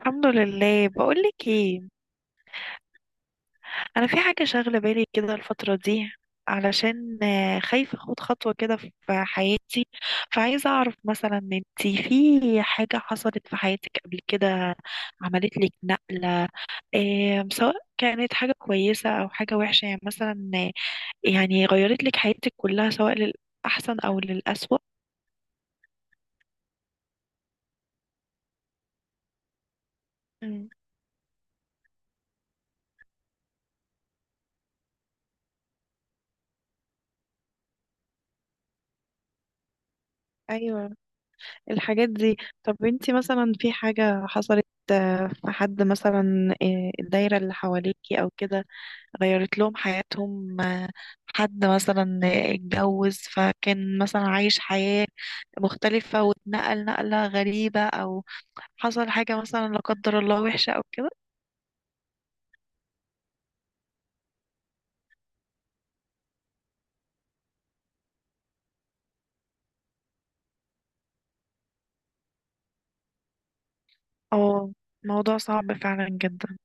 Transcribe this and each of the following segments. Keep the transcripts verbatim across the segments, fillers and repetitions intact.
الحمد لله. بقولك ايه؟ انا في حاجه شاغله بالي كده الفتره دي، علشان آه، خايفه اخد خطوه كده في حياتي. فعايزه اعرف مثلا انتي في حاجه حصلت في حياتك قبل كده، عملت لك نقله إيه؟ سواء كانت حاجه كويسه او حاجه وحشه يعني، مثلا آه، يعني غيرت لك حياتك كلها، سواء للاحسن او للأسوأ. مم. ايوه، الحاجات دي. طب انتي مثلا في حاجة حصلت، آه، في حد مثلا، آه، الدايرة اللي حواليكي او كده، غيرت لهم حياتهم؟ آه، حد مثلا آه، اتجوز، فكان مثلا عايش حياة مختلفة واتنقل نقلة غريبة، او حصل حاجة مثلا لا قدر الله وحشة او كده. اه، موضوع صعب فعلا جدا.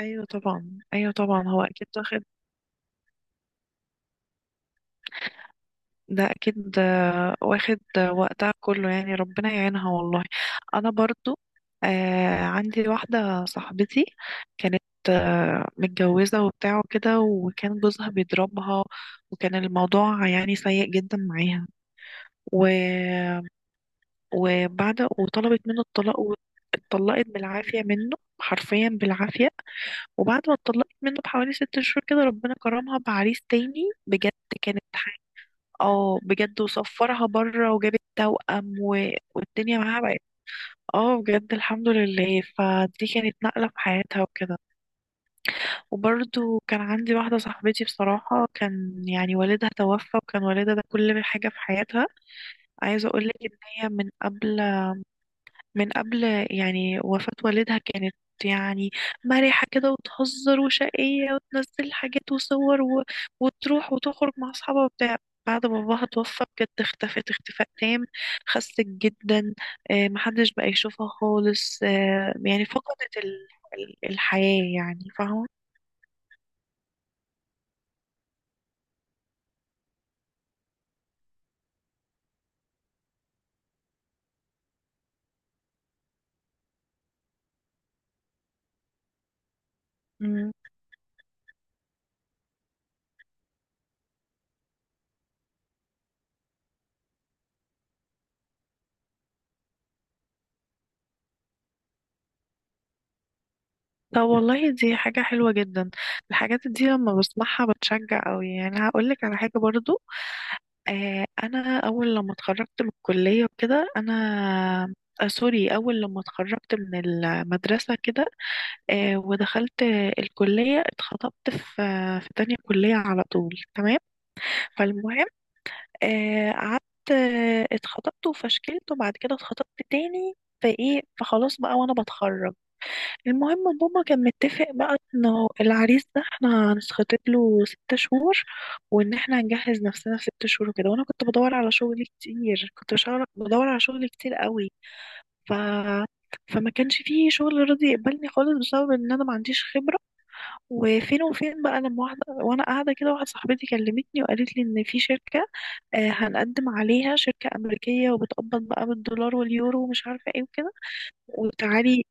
ايوه طبعا، ايوه طبعا، هو اكيد. ده اكيد آه، واخد آه، وقتها كله يعني، ربنا يعينها والله. انا برضو آه، عندي واحدة صاحبتي كانت آه، متجوزة وبتاع وكده، وكان جوزها بيضربها، وكان الموضوع يعني سيء جدا معاها. و... وبعد، وطلبت منه الطلاق واتطلقت بالعافية منه، حرفيا بالعافية. وبعد ما اتطلقت منه بحوالي ست شهور كده، ربنا كرمها بعريس تاني بجد. كانت اه بجد، وصفرها بره وجابت توأم. و... والدنيا معاها بقت اه بجد الحمد لله، فدي كانت نقلة في حياتها وكده. وبرضو كان عندي واحدة صاحبتي، بصراحة كان يعني والدها توفى، وكان والدها ده كل حاجة في حياتها. عايزة اقولك ان هي من قبل من قبل يعني وفاة والدها كانت يعني مرحة كده، وتهزر وشقية وتنزل حاجات وصور، و... وتروح وتخرج مع أصحابها وبتاع. بعد باباها توفى بجد، اختفت اختفاء تام، خست جدا، آه، محدش بقى يشوفها خالص، آه، يعني فقدت ال... ال- الحياة يعني، فاهمة؟ مم. طب والله دي حاجة حلوة جدا. الحاجات دي لما بسمعها بتشجع قوي يعني، هقولك على حاجة برضو. آه، انا اول لما اتخرجت من الكليه وكده، انا آه، سوري، اول لما اتخرجت من المدرسه كده آه، ودخلت آه، الكليه، اتخطبت في آه، في تانية كليه على طول، تمام. فالمهم آه، قعدت آه، اتخطبت وفشكلت، وبعد كده اتخطبت تاني. فايه، فخلاص بقى وانا بتخرج. المهم بابا كان متفق بقى انه العريس ده احنا هنتخطب له ست شهور، وان احنا هنجهز نفسنا في ست شهور وكده. وانا كنت بدور على شغل كتير، كنت بشغل- بدور على شغل كتير قوي. ف فما كانش فيه شغل راضي يقبلني خالص بسبب ان انا ما عنديش خبرة. وفين وفين بقى لما واحدة، وانا قاعدة كده، واحدة صاحبتي كلمتني وقالت لي ان في شركة آه، هنقدم عليها، شركة أمريكية وبتقبض بقى بالدولار واليورو ومش عارفة ايه وكده، وتعالي.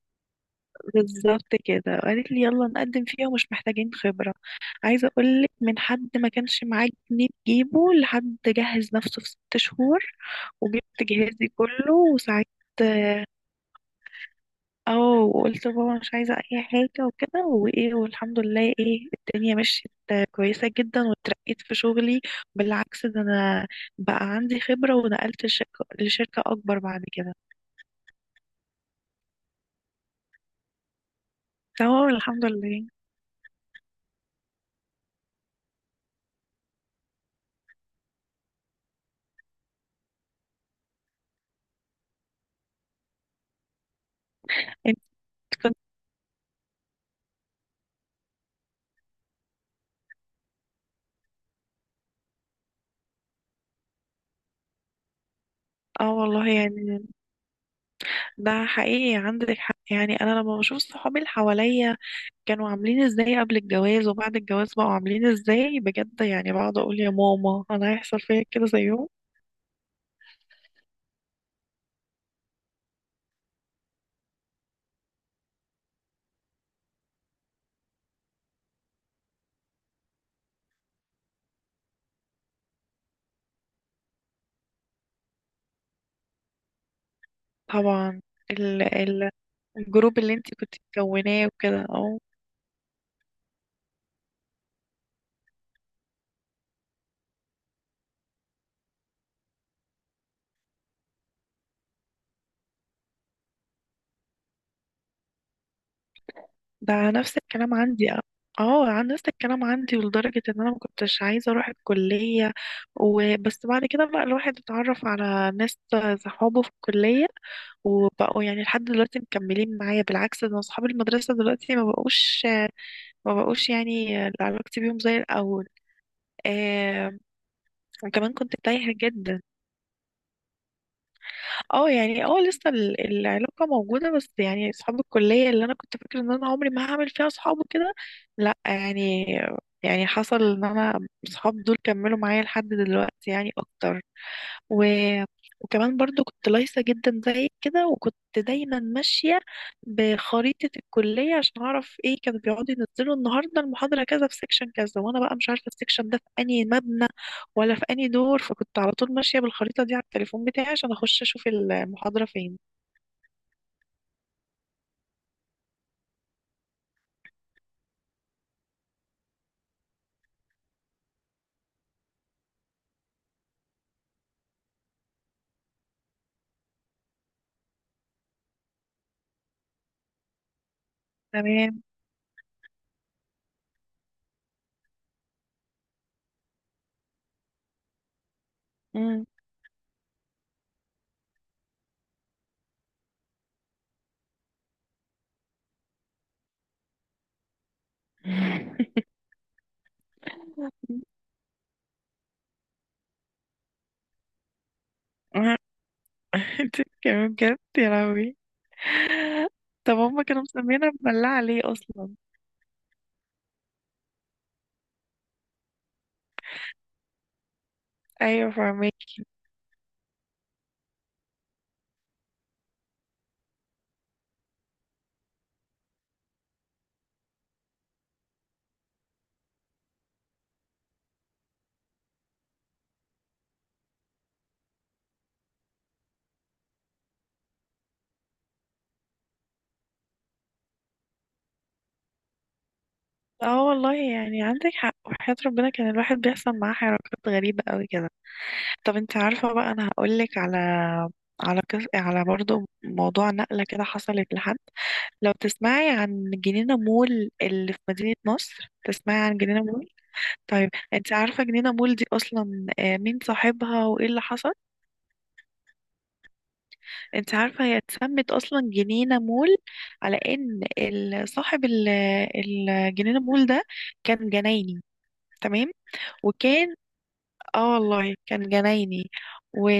بالظبط كده قالت لي يلا نقدم فيها ومش محتاجين خبرة. عايزة اقولك من حد ما كانش معاه جنيه تجيبه لحد جهز نفسه في ست شهور، وجبت جهازي كله وساعدت. اه، وقلت بابا مش عايزة اي حاجة وكده، وايه، والحمد لله ايه، الدنيا مشيت كويسة جدا، واترقيت في شغلي. بالعكس، ده انا بقى عندي خبرة ونقلت لشركة لشركة اكبر بعد كده. تمام الحمد لله. انت كنت اه والله يعني، ده حقيقي عندك حق يعني. انا لما بشوف صحابي اللي حواليا كانوا عاملين ازاي قبل الجواز، وبعد الجواز بقوا عاملين ازاي بجد يعني، بقعد اقول يا ماما انا هيحصل فيا كده زيهم. طبعا، ال ال الجروب اللي انت كنت مكوناه وكده، اه. ده نفس الكلام عندي، اه، آه، عن نفس الكلام عندي، لدرجة ان انا ما كنتش عايزة اروح الكلية. وبس بعد كده بقى الواحد اتعرف على ناس صحابه في الكلية، وبقوا يعني لحد دلوقتي مكملين معايا. بالعكس ده، اصحاب المدرسة دلوقتي ما بقوش ما بقوش يعني، علاقتي بيهم زي الاول. آه. وكمان كنت تايهة جدا. اه يعني، اه لسه ال- العلاقة موجودة، بس يعني اصحاب الكلية اللي انا كنت فاكرة ان انا عمري ما هعمل فيها اصحاب وكده، لا يعني، يعني حصل ان انا اصحاب دول كملوا معايا لحد دلوقتي يعني اكتر. و... وكمان برضو كنت لايصة جدا زي كده، وكنت دايما ماشية بخريطة الكلية عشان أعرف ايه كانوا بيقعدوا ينزلوا النهاردة، المحاضرة كذا في سيكشن كذا، وأنا بقى مش عارفة السيكشن ده في أنهي مبنى ولا في أنهي دور، فكنت على طول ماشية بالخريطة دي على التليفون بتاعي عشان أخش أشوف المحاضرة فين. تمام. مم. انت كمان بجد، يا لهوي. طب هما كانوا مسمينا مبلعة ليه أصلا؟ أيوة فاهمة. اه والله يعني عندك حق، وحياة ربنا كان الواحد بيحصل معاه حركات غريبة قوي كده. طب انت عارفة بقى، انا هقولك على على كس... على برضو موضوع نقلة كده حصلت لحد. لو تسمعي عن جنينة مول اللي في مدينة نصر، تسمعي عن جنينة مول؟ طيب انت عارفة جنينة مول دي اصلا آه، مين صاحبها وايه اللي حصل؟ انت عارفة هي اتسمت اصلا جنينة مول على ان ال- صاحب ال- الجنينة مول ده كان جنايني، تمام. وكان اه والله كان جنايني. و...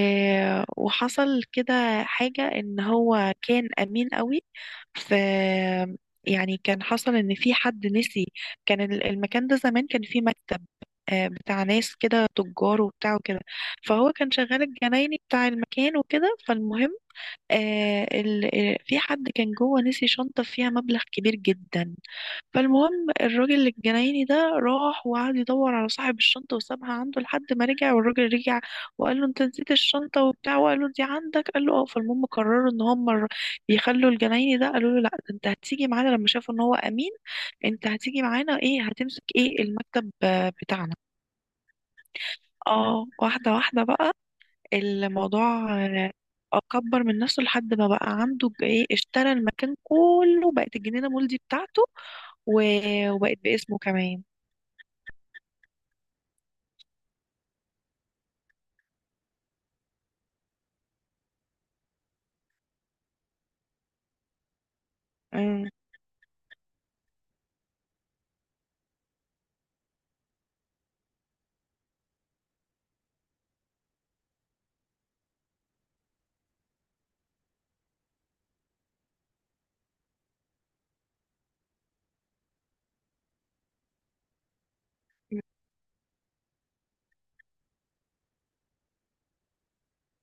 وحصل كده حاجة ان هو كان امين قوي. ف يعني كان حصل ان في حد نسي. كان ال- المكان ده زمان كان فيه مكتب آه، بتاع ناس كده تجار وبتاع وكده. فهو كان شغال الجنايني بتاع المكان وكده. فالمهم آه ال... آه، في حد كان جوه نسي شنطة فيها مبلغ كبير جدا. فالمهم الراجل الجنايني ده راح وقعد يدور على صاحب الشنطة وسابها عنده لحد ما رجع. والراجل رجع وقال له انت نسيت الشنطة وبتاع، وقال له دي عندك، قال له اه. فالمهم قرروا ان هم الر- يخلوا الجنايني ده، قالوا له لا، ده انت هتيجي معانا. لما شافوا ان هو امين، انت هتيجي معانا، ايه، هتمسك ايه المكتب آه، بتاعنا. اه، واحدة واحدة بقى الموضوع آه، اكبر من نفسه، لحد ما بقى عنده ج- ايه، اشترى المكان كله. بقت الجنينة مول دي بتاعته، و- وبقت باسمه كمان. مم.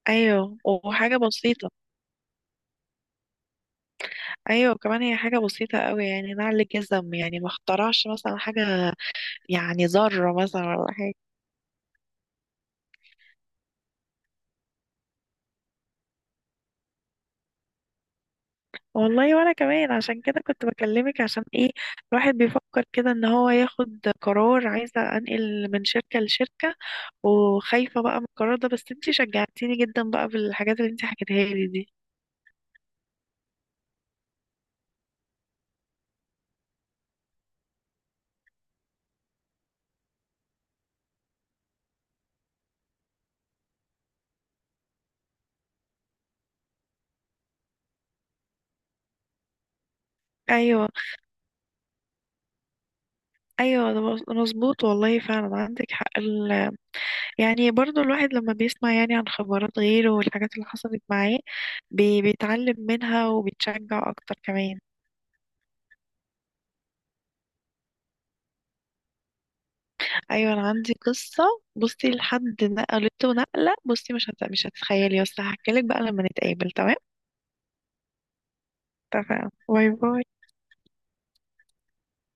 ايوه، وحاجه بسيطه. ايوه كمان، هي حاجه بسيطه قوي يعني نعل جزم، يعني ما اخترعش مثلا حاجه، يعني ذره مثلا ولا حاجه. والله وانا كمان عشان كده كنت بكلمك، عشان ايه الواحد بيفكر كده ان هو ياخد قرار، عايزه انقل من شركه لشركه، وخايفه بقى من القرار ده، بس انتي شجعتيني جدا بقى بالحاجات اللي انتي حكيتها لي دي. ايوه، ايوه، ده مظ- مظبوط والله، فعلا عندك حق. ال- يعني برضو الواحد لما بيسمع يعني عن خبرات غيره والحاجات اللي حصلت معاه، بي- بيتعلم منها وبيتشجع اكتر كمان. ايوه انا عندي قصة. بصي لحد نقلته نقلة، بصي مش هت... مش هتتخيلي، بس هحكي لك بقى لما نتقابل، تمام. تمام، باي باي.